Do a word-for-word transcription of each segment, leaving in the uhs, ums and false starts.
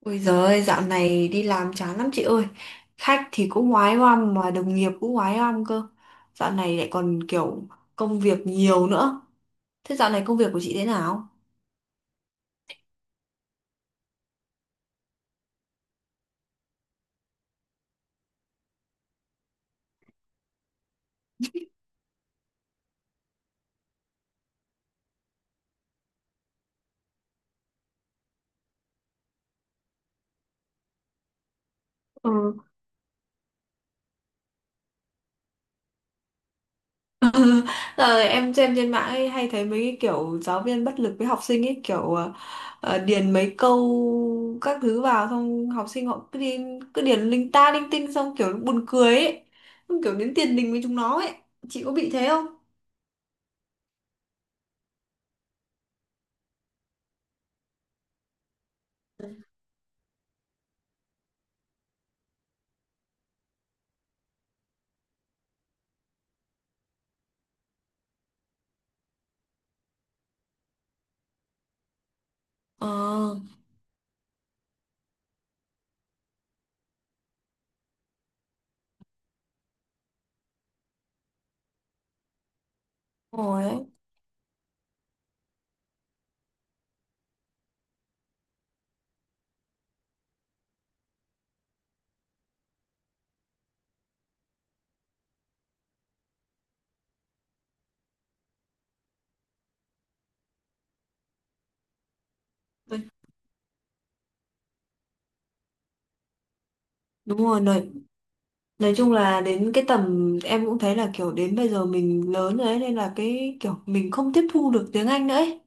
Ôi giời ơi, dạo này đi làm chán lắm chị ơi. Khách thì cũng oái oăm mà đồng nghiệp cũng oái oăm cơ. Dạo này lại còn kiểu công việc nhiều nữa. Thế dạo này công việc của chị thế nào? Ừ. Giờ em xem trên mạng ấy, hay thấy mấy cái kiểu giáo viên bất lực với học sinh ấy kiểu ờ, ờ, điền mấy câu các thứ vào xong học sinh họ cứ đi cứ điền linh ta linh tinh xong kiểu buồn cười ấy. Xong kiểu đến tiền đình với chúng nó ấy. Chị có bị thế không? Ờ, đúng rồi đấy. Đúng rồi, nói, nói chung là đến cái tầm em cũng thấy là kiểu đến bây giờ mình lớn rồi ấy nên là cái kiểu mình không tiếp thu được tiếng Anh nữa ấy.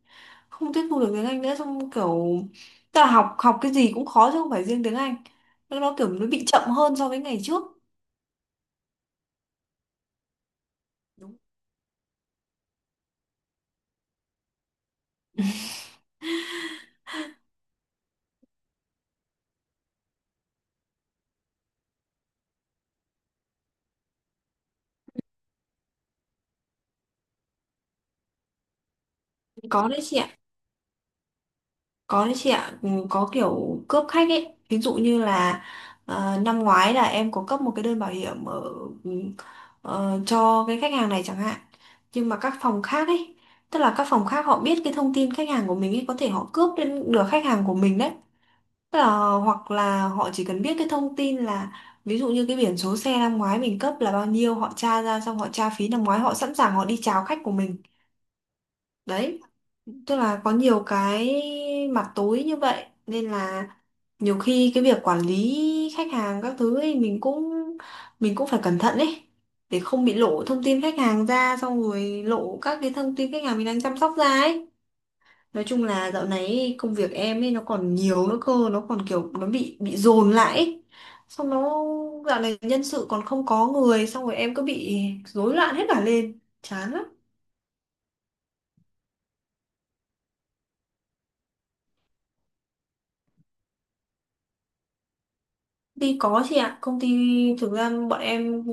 Không tiếp thu được tiếng Anh nữa xong kiểu ta học học cái gì cũng khó chứ không phải riêng tiếng Anh. Nó, nó kiểu nó bị chậm hơn so với ngày trước. Có đấy chị ạ. Có đấy chị ạ, ừ, có kiểu cướp khách ấy. Ví dụ như là ờ, năm ngoái là em có cấp một cái đơn bảo hiểm ở, ừ, ờ, cho cái khách hàng này chẳng hạn. Nhưng mà các phòng khác ấy, tức là các phòng khác họ biết cái thông tin khách hàng của mình ấy, có thể họ cướp đến được khách hàng của mình đấy. Tức là hoặc là họ chỉ cần biết cái thông tin là ví dụ như cái biển số xe năm ngoái mình cấp là bao nhiêu, họ tra ra xong họ tra phí năm ngoái, họ sẵn sàng họ đi chào khách của mình. Đấy, tức là có nhiều cái mặt tối như vậy nên là nhiều khi cái việc quản lý khách hàng các thứ ấy mình cũng mình cũng phải cẩn thận ấy để không bị lộ thông tin khách hàng ra xong rồi lộ các cái thông tin khách hàng mình đang chăm sóc ra ấy. Nói chung là dạo này ấy, công việc em ấy nó còn nhiều nữa cơ, nó còn kiểu nó bị bị dồn lại ấy. Xong nó dạo này nhân sự còn không có người, xong rồi em cứ bị rối loạn hết cả lên chán lắm. Đi có chị ạ, công ty thực ra bọn em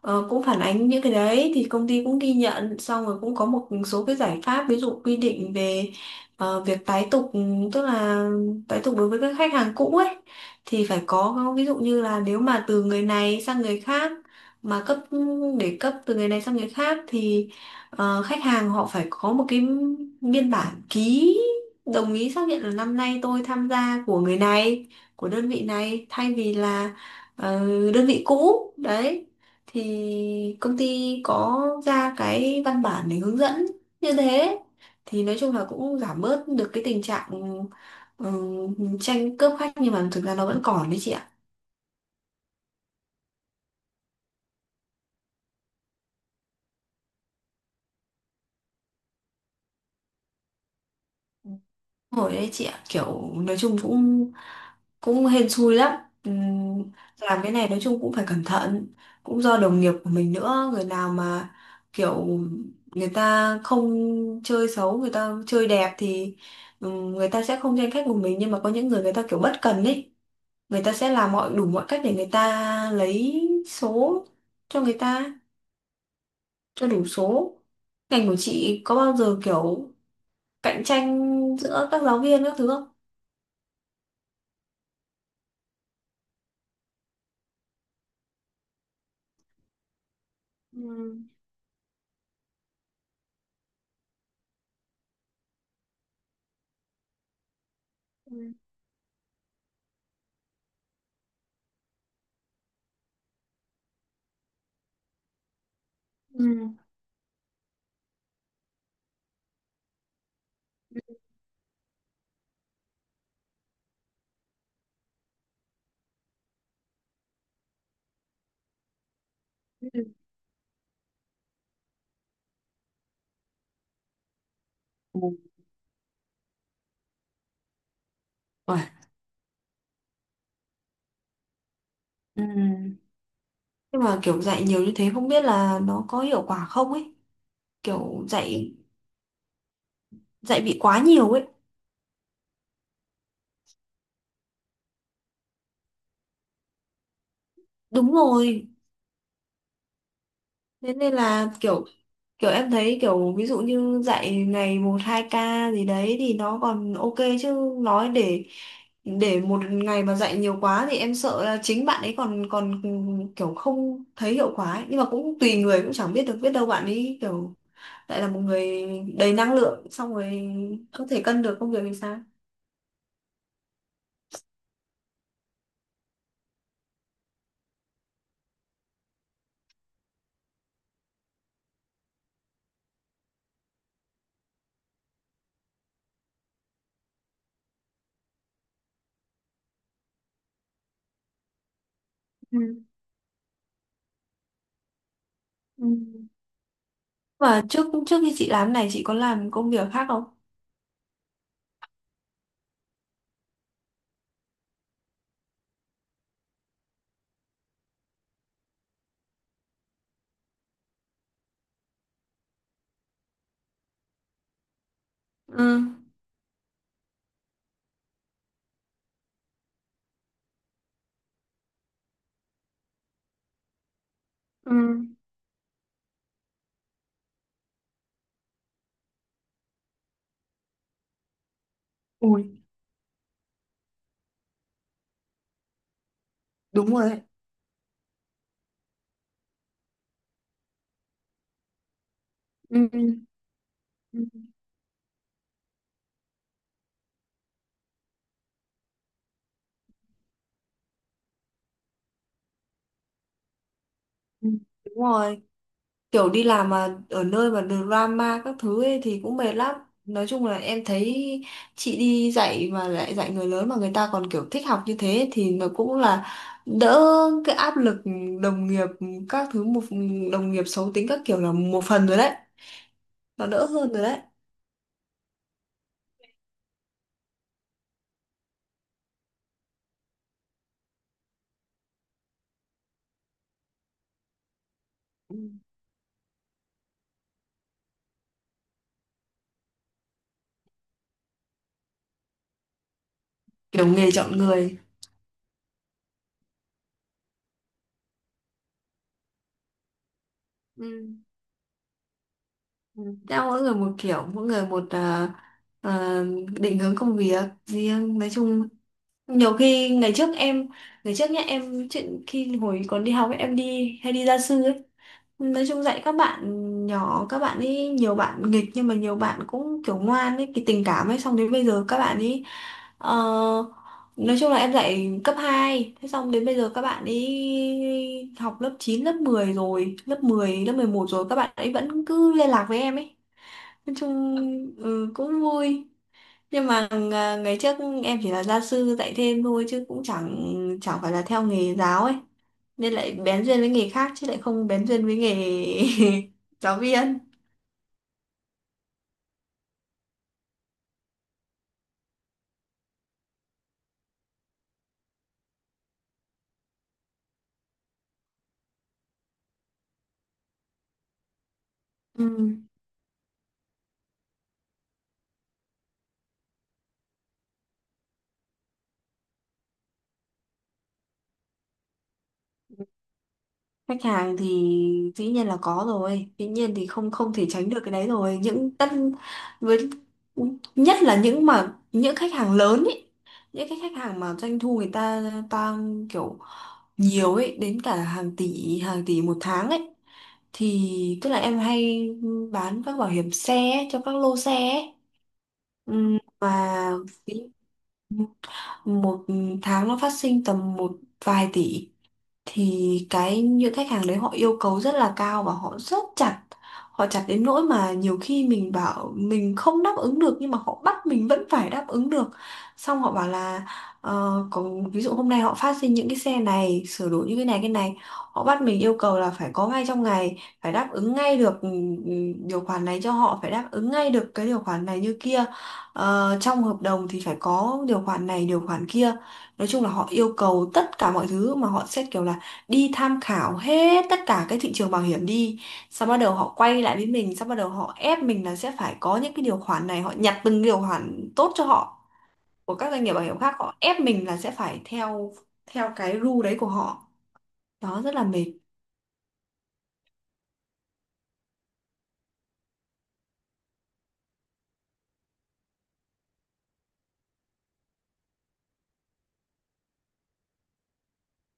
ờ, cũng phản ánh những cái đấy thì công ty cũng ghi nhận xong rồi cũng có một số cái giải pháp, ví dụ quy định về ờ, việc tái tục, tức là tái tục đối với các khách hàng cũ ấy, thì phải có ví dụ như là nếu mà từ người này sang người khác mà cấp để cấp từ người này sang người khác thì ờ, khách hàng họ phải có một cái biên bản ký đồng ý xác nhận là năm nay tôi tham gia của người này, của đơn vị này thay vì là ờ, đơn vị cũ đấy, thì công ty có ra cái văn bản để hướng dẫn như thế, thì nói chung là cũng giảm bớt được cái tình trạng ừ, tranh cướp khách nhưng mà thực ra nó vẫn còn đấy chị ạ. Hồi đấy chị ạ, kiểu nói chung cũng cũng hên xui lắm. Ừm, làm cái này nói chung cũng phải cẩn thận, cũng do đồng nghiệp của mình nữa, người nào mà kiểu người ta không chơi xấu, người ta chơi đẹp thì ừm, người ta sẽ không tranh khách của mình, nhưng mà có những người người ta kiểu bất cần ấy, người ta sẽ làm mọi đủ mọi cách để người ta lấy số cho người ta, cho đủ số. Ngành của chị có bao giờ kiểu cạnh tranh giữa các giáo viên các thứ không? Ừ. Ừ. Ừ. Ừ. Ừ. Rồi. Ừ. Nhưng mà kiểu dạy nhiều như thế không biết là nó có hiệu quả không ấy. Kiểu dạy dạy bị quá nhiều ấy. Đúng rồi. Thế nên là kiểu kiểu em thấy kiểu ví dụ như dạy ngày một hai ca gì đấy thì nó còn ok, chứ nói để để một ngày mà dạy nhiều quá thì em sợ là chính bạn ấy còn còn kiểu không thấy hiệu quả ấy. Nhưng mà cũng tùy người, cũng chẳng biết được, biết đâu bạn ấy kiểu lại là một người đầy năng lượng xong rồi có thể cân được công việc thì sao. Ừ. Ừ. Và trước trước khi chị làm này chị có làm công việc khác không? Ừ. Ừ. Ui, đúng rồi đấy. Ừ. Ừ. Ừ. Đúng rồi, kiểu đi làm mà ở nơi mà drama các thứ ấy thì cũng mệt lắm. Nói chung là em thấy chị đi dạy mà lại dạy người lớn mà người ta còn kiểu thích học như thế thì nó cũng là đỡ cái áp lực đồng nghiệp các thứ một, đồng nghiệp xấu tính các kiểu là một phần rồi đấy, nó đỡ hơn rồi đấy. Ừ. Kiểu nghề chọn người. Ừ. Ừ. Theo mỗi người một kiểu, mỗi người một à, à, định hướng công việc riêng. Nói chung nhiều khi ngày trước em ngày trước nhá em chuyện khi hồi còn đi học ấy, em đi hay đi gia sư ấy, nói chung dạy các bạn nhỏ, các bạn ấy nhiều bạn nghịch nhưng mà nhiều bạn cũng kiểu ngoan ấy, cái tình cảm ấy, xong đến bây giờ các bạn ấy ờ, nói chung là em dạy cấp hai, thế xong đến bây giờ các bạn ấy học lớp chín lớp mười rồi, lớp mười lớp mười một rồi, các bạn ấy vẫn cứ liên lạc với em ấy, nói chung ừ, cũng vui. Nhưng mà ng- ngày trước em chỉ là gia sư dạy thêm thôi chứ cũng chẳng chẳng phải là theo nghề giáo ấy, nên lại bén duyên với nghề khác chứ lại không bén duyên với nghề giáo viên. Ừ. Khách hàng thì dĩ nhiên là có rồi, dĩ nhiên thì không không thể tránh được cái đấy rồi, những tất với, nhất là những mà những khách hàng lớn ấy, những cái khách hàng mà doanh thu người ta tăng kiểu nhiều ấy, đến cả hàng tỷ, hàng tỷ một tháng ấy, thì tức là em hay bán các bảo hiểm xe ấy, cho các lô xe ấy. Ừm, và một tháng nó phát sinh tầm một vài tỷ, thì cái những khách hàng đấy họ yêu cầu rất là cao và họ rất chặt. Họ chặt đến nỗi mà nhiều khi mình bảo mình không đáp ứng được nhưng mà họ bắt mình vẫn phải đáp ứng được, xong họ bảo là ờ, có, ví dụ hôm nay họ phát sinh những cái xe này sửa đổi như cái này cái này, họ bắt mình yêu cầu là phải có ngay trong ngày, phải đáp ứng ngay được ừ, ừ, điều khoản này cho họ, phải đáp ứng ngay được cái điều khoản này như kia. Ờ, trong hợp đồng thì phải có điều khoản này điều khoản kia. Nói chung là họ yêu cầu tất cả mọi thứ, mà họ xét kiểu là đi tham khảo hết tất cả cái thị trường bảo hiểm đi, xong bắt đầu họ quay lại với mình, xong bắt đầu họ ép mình là sẽ phải có những cái điều khoản này. Họ nhặt từng điều khoản tốt cho họ của các doanh nghiệp bảo hiểm khác, họ ép mình là sẽ phải theo theo cái rule đấy của họ. Đó rất là mệt.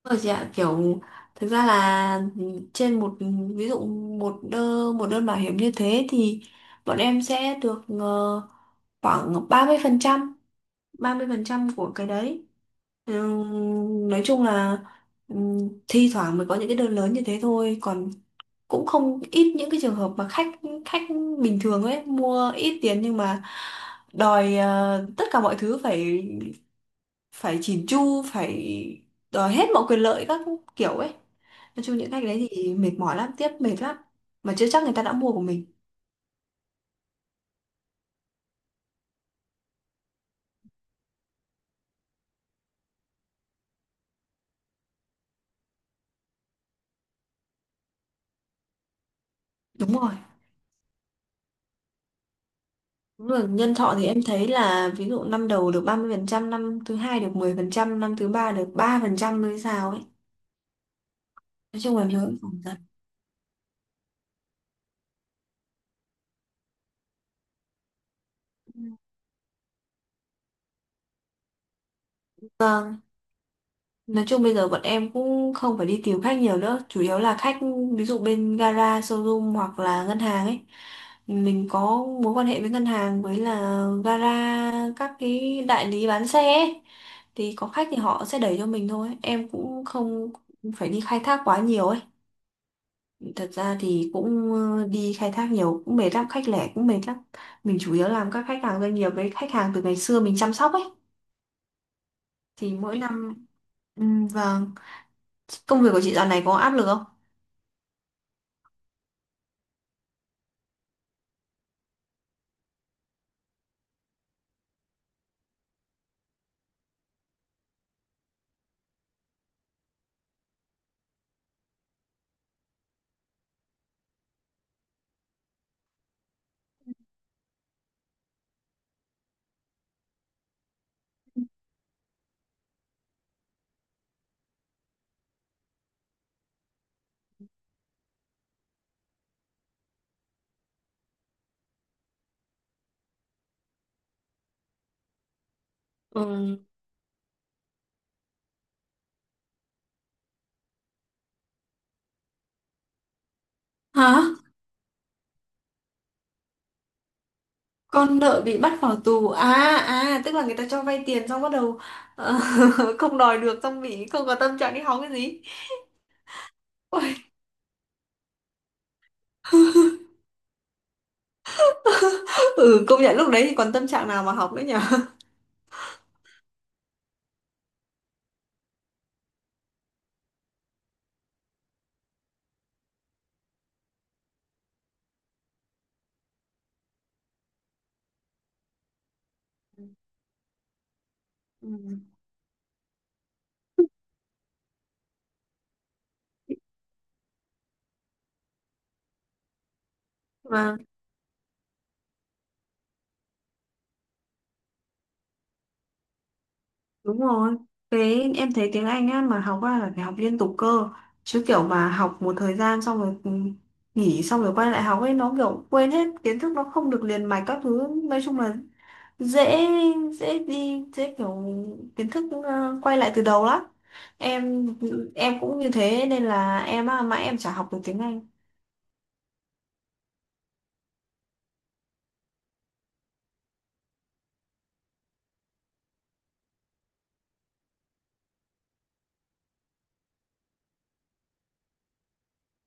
Rồi chị ạ, kiểu thực ra là trên một ví dụ một đơn một đơn bảo hiểm như thế thì bọn em sẽ được ờ, khoảng ba mươi phần trăm, ba mươi phần trăm của cái đấy. Ờ, nói chung là ừm, thi thoảng mới có những cái đơn lớn như thế thôi, còn cũng không ít những cái trường hợp mà khách khách bình thường ấy mua ít tiền nhưng mà đòi ờ, tất cả mọi thứ phải phải chỉn chu, phải đòi hết mọi quyền lợi các kiểu ấy. Nói chung những khách đấy thì mệt mỏi lắm, tiếp mệt lắm mà chưa chắc người ta đã mua của mình. Đúng rồi. Đúng rồi, nhân thọ thì em thấy là ví dụ năm đầu được ba mươi phần trăm, năm thứ hai được mười phần trăm, năm thứ ba được ba phần trăm mới sao ấy. Nói chung là nhớ phòng dần. Nói chung bây giờ bọn em cũng không phải đi tìm khách nhiều nữa, chủ yếu là khách ví dụ bên gara, showroom hoặc là ngân hàng ấy. Mình có mối quan hệ với ngân hàng, với là gara, các cái đại lý bán xe ấy. Thì có khách thì họ sẽ đẩy cho mình thôi. Em cũng không phải đi khai thác quá nhiều ấy. Thật ra thì cũng ờ, đi khai thác nhiều cũng mệt lắm, khách lẻ cũng mệt lắm. Mình chủ yếu làm các khách hàng doanh nghiệp với khách hàng từ ngày xưa mình chăm sóc ấy. Thì mỗi năm. Ừ, vâng. Công việc của chị dạo này có áp lực không? Ừ. Hả? Con nợ bị bắt vào tù à, à tức là người ta cho vay tiền xong bắt đầu ờ, không đòi được xong bị không có tâm trạng đi học cái gì. Ôi, ừ công nhận lúc đấy thì còn tâm trạng nào mà học nữa nhở. Ừ. Vâng, đúng rồi. Thế em thấy tiếng Anh á mà học ra là phải học liên tục cơ. Chứ kiểu mà học một thời gian xong rồi ừ, nghỉ xong rồi quay lại học ấy nó kiểu quên hết kiến thức, nó không được liền mạch các thứ. Nói chung là dễ dễ đi dễ kiểu kiến thức ờ, quay lại từ đầu lắm. Em em cũng như thế nên là em á, mãi em chả học được tiếng Anh.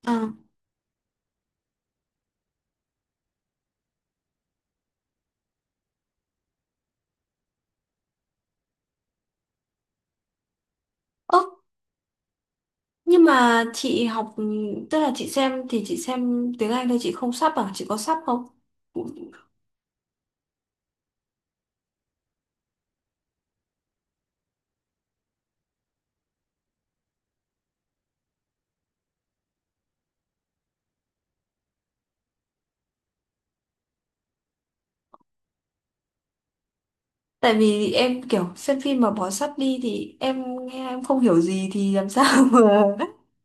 Ờ. Ơ, nhưng mà chị học, tức là chị xem thì chị xem tiếng Anh thôi, chị không sub à, chị có sub không? Tại vì em kiểu xem phim mà bỏ sub đi thì em nghe em không hiểu gì thì làm sao mà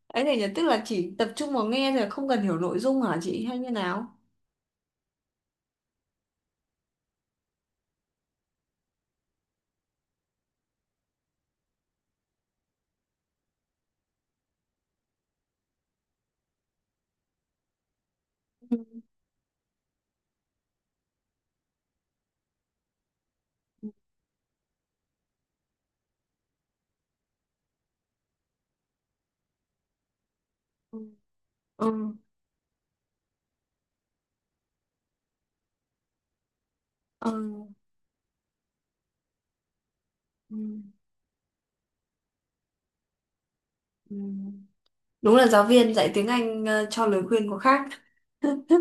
ấy này nhỉ, tức là chỉ tập trung vào nghe rồi không cần hiểu nội dung hả chị hay như nào? Ừ. Ừ. Ừ. Ừ. Ừ. Đúng là giáo viên dạy tiếng Anh ờ, cho lời khuyên có khác.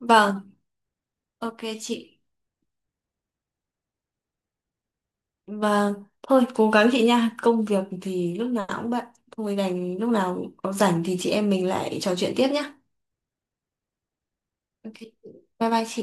Vâng, ok chị. Vâng, thôi cố gắng chị nha. Công việc thì lúc nào cũng bận. Thôi đành lúc nào có rảnh thì chị em mình lại trò chuyện tiếp nhá. Ok, bye bye chị.